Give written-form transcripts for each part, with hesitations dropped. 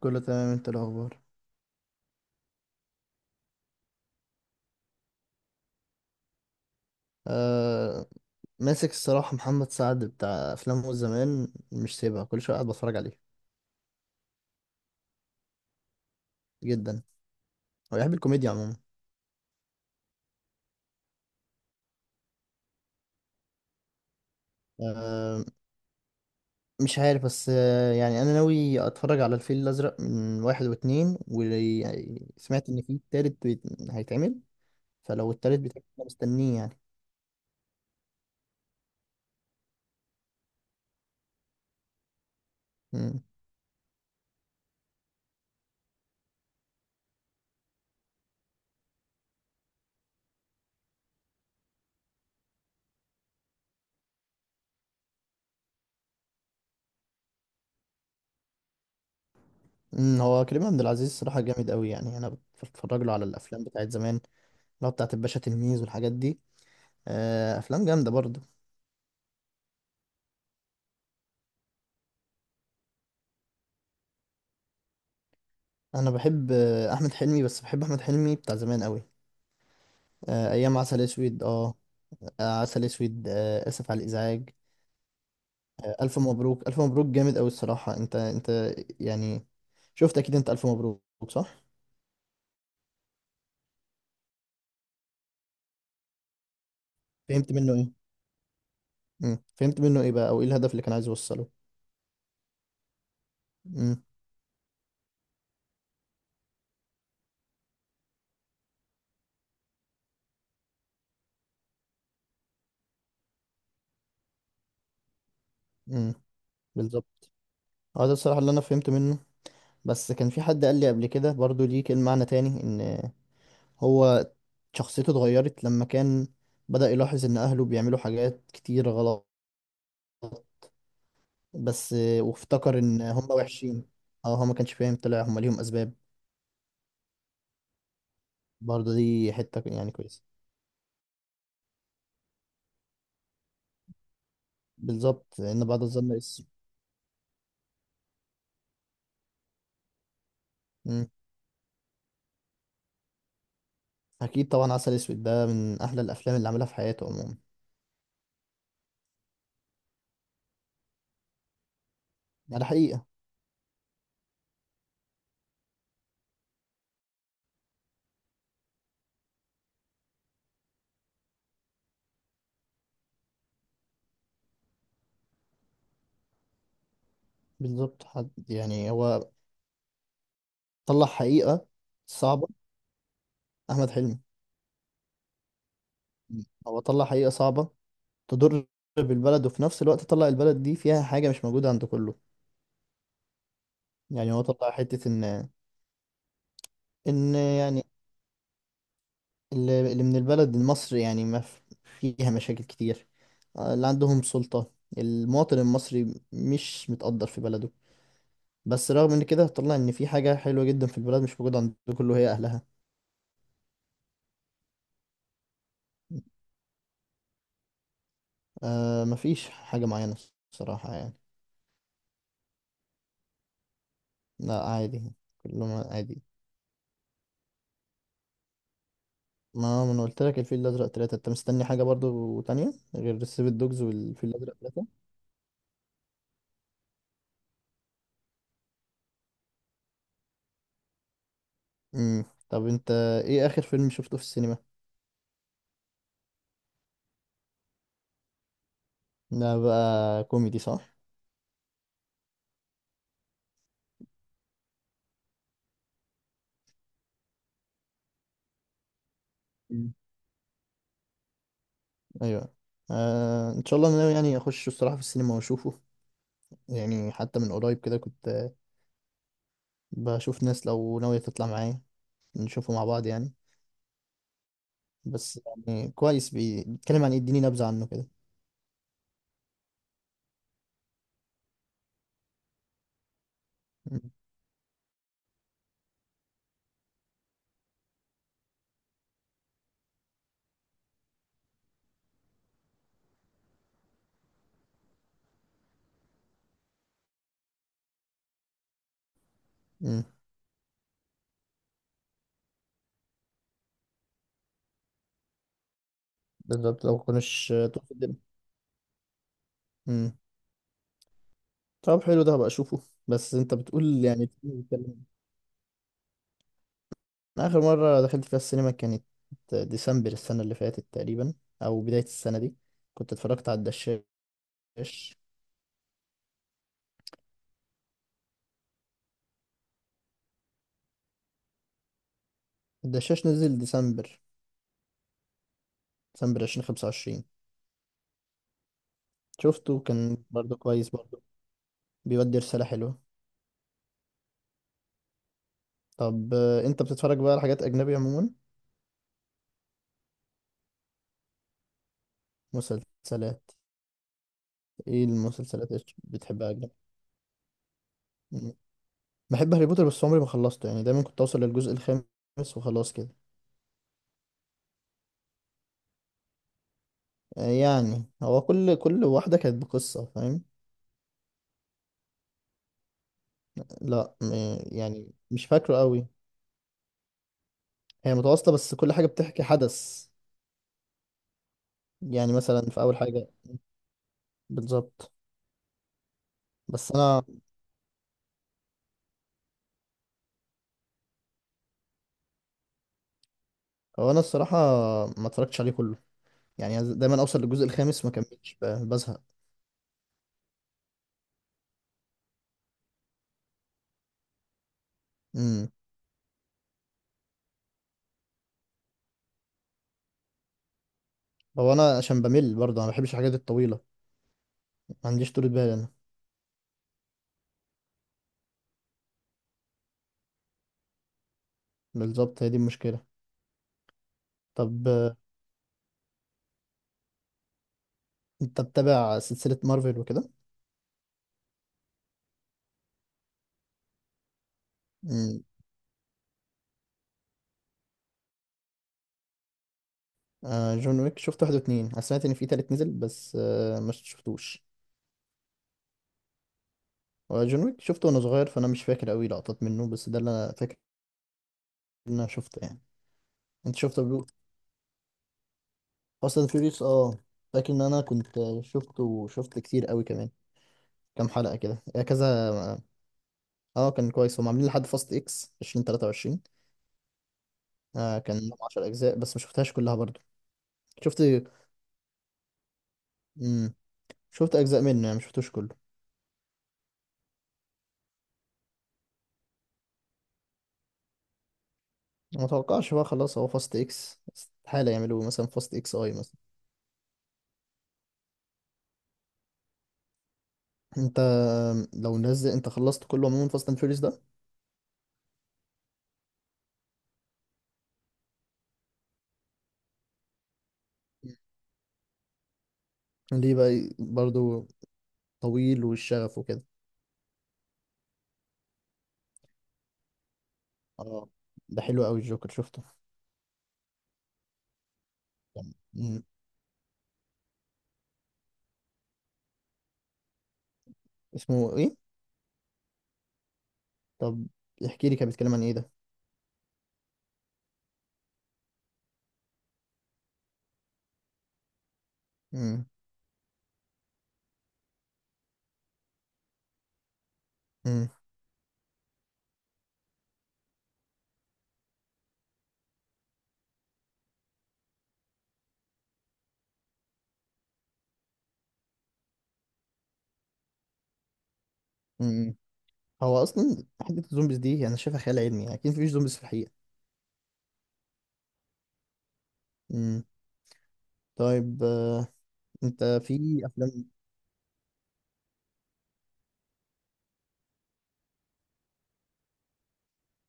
كله تمام، انت الاخبار؟ آه، ماسك الصراحه محمد سعد بتاع افلامه زمان مش سيبها كل شويه قاعد بتفرج عليه. جدا. هو بيحب الكوميديا عموما. آه، مش عارف بس يعني انا ناوي اتفرج على الفيل الازرق من واحد واتنين وسمعت ان في تالت هيتعمل. فلو التالت بيتعمل انا مستنيه يعني. مم. هو كريم عبد العزيز صراحه جامد قوي يعني انا بتفرج له على الافلام بتاعت زمان اللي هو بتاعت الباشا تلميذ والحاجات دي. آه، افلام جامده برضه. انا بحب احمد حلمي بس بحب احمد حلمي بتاع زمان قوي. ايام عسل اسود اه عسل اسود، اسف على الازعاج. الف مبروك الف مبروك جامد قوي الصراحه، انت يعني شفت اكيد، انت الف مبروك صح؟ فهمت منه ايه؟ مم. فهمت منه ايه بقى، او ايه الهدف اللي كان عايز يوصله؟ مم. مم. بالظبط. اه ده الصراحه اللي انا فهمت منه. بس كان في حد قال لي قبل كده برضو ليه كلمه معنى تاني ان هو شخصيته اتغيرت لما كان بدأ يلاحظ ان اهله بيعملوا حاجات كتير غلط. بس وافتكر ان هم وحشين. اه هو ما كانش فاهم، طلع هم ليهم اسباب. برضه دي حته يعني كويسه. بالظبط ان بعد الظن اسم. مم. اكيد طبعا، عسل اسود ده من احلى الافلام اللي عملها في حياته عموما. على حقيقه. بالظبط حد يعني هو طلع حقيقه صعبه. احمد حلمي. مم. هو طلع حقيقه صعبه تضر بالبلد، وفي نفس الوقت طلع البلد دي فيها حاجه مش موجوده عند كله. يعني هو طلع حته ان يعني اللي من البلد مصر يعني ما ف- فيها مشاكل كتير. اللي عندهم سلطة المواطن المصري مش متقدر في بلده. بس رغم ان كده هتطلع ان في حاجة حلوة جدا في البلد مش موجودة عند كله، هي اهلها. آه، مفيش حاجة معينة الصراحة يعني. لا، عادي. كلهم عادي. ما انا قلت لك الفيل الازرق ثلاثة، انت مستني حاجة برضو تانية غير السيفن دوجز والفيل الازرق ثلاثة؟ امم. طب انت ايه اخر فيلم شفته في السينما؟ ده بقى كوميدي صح؟ ايوه. آه، ان شاء الله انا ناوي يعني اخش الصراحه في السينما واشوفه. يعني حتى من قريب كده كنت بشوف ناس لو ناويه تطلع معايا نشوفه مع بعض يعني. بس يعني كويس، بيتكلم عن إيه، يديني نبذه عنه كده. مم. مم. بالظبط لو كناش تقصد الدنيا. مم. طب حلو، ده هبقى اشوفه. بس انت بتقول يعني الفيلم بيتكلم. أنا اخر مره دخلت فيها السينما كانت ديسمبر السنه اللي فاتت تقريبا، او بدايه السنه دي. كنت اتفرجت على الدشاش. الدشاش نزل ديسمبر، ديسمبر 2025. شفته كان برضه كويس برضه، بيودي رسالة حلوة. طب انت بتتفرج بقى على حاجات أجنبي عموما؟ مسلسلات. ايه المسلسلات اللي بتحبها أجنبي؟ مم. بحب هاري بوتر بس عمري ما خلصته يعني دايما كنت أوصل للجزء الخامس وخلاص كده. يعني هو كل واحدة كانت بقصة فاهم. لا، يعني مش فاكره قوي. هي متواصلة بس كل حاجة بتحكي حدث يعني مثلا في أول حاجة. بالظبط. بس أنا هو أنا الصراحة ما اتفرجتش عليه كله. يعني عايز دايما اوصل للجزء الخامس ما كملش بزهق. امم. هو انا عشان بمل برضه انا ما بحبش الحاجات الطويله. ما عنديش طولة بال انا. بالظبط هي دي المشكله. طب انت بتابع سلسله مارفل وكده؟ امم. آه، جون ويك شفت واحد واتنين، انا سمعت ان في تالت نزل بس ما شفتوش. هو جون ويك شفته وانا صغير فانا مش فاكر قوي لقطات منه بس ده اللي انا فاكر ان انا شفته يعني. انت شفته بلو اصلا فيوريوس اه فاكر ان انا كنت شفته، وشفت كتير قوي كمان كام حلقه كده كذا. اه كان كويس، هم عاملين لحد فاست اكس 2023. آه كان لهم 10 اجزاء بس ما شفتهاش كلها برضو. شفت. امم. شفت اجزاء منه يعني ما شفتوش كله. ما اتوقعش بقى خلاص، هو فاست اكس استحالة يعملوا مثلا فاست اكس اي مثلا. انت لو نزل انت خلصت كله عموما فاست اند فيوريوس ده؟ ليه بقى برضو؟ طويل والشغف وكده. اه ده حلو قوي الجوكر شفته. مم. اسمه ايه؟ طب احكي لي كان بيتكلم عن ايه ده؟ امم. هو اصلا حته الزومبيز دي انا شايفها خيال علمي، اكيد مفيش زومبيز في الحقيقه. امم. طيب، انت في افلام؟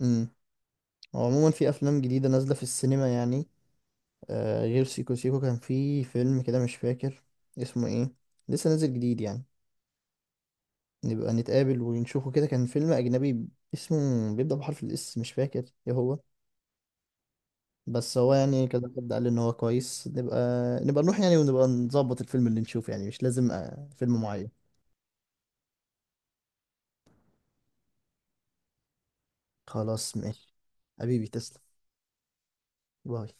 امم. هو عموما في افلام جديده نازله في السينما يعني. غير سيكو سيكو كان في فيلم كده مش فاكر اسمه ايه. لسه نازل جديد يعني. نبقى نتقابل ونشوفه كده، كان فيلم اجنبي اسمه بيبدأ بحرف الاس مش فاكر ايه هو. بس هو يعني كذا حد قال ان هو كويس، نبقى نروح يعني ونبقى نظبط الفيلم اللي نشوفه يعني مش لازم فيلم معين. خلاص ماشي. حبيبي تسلم. باي.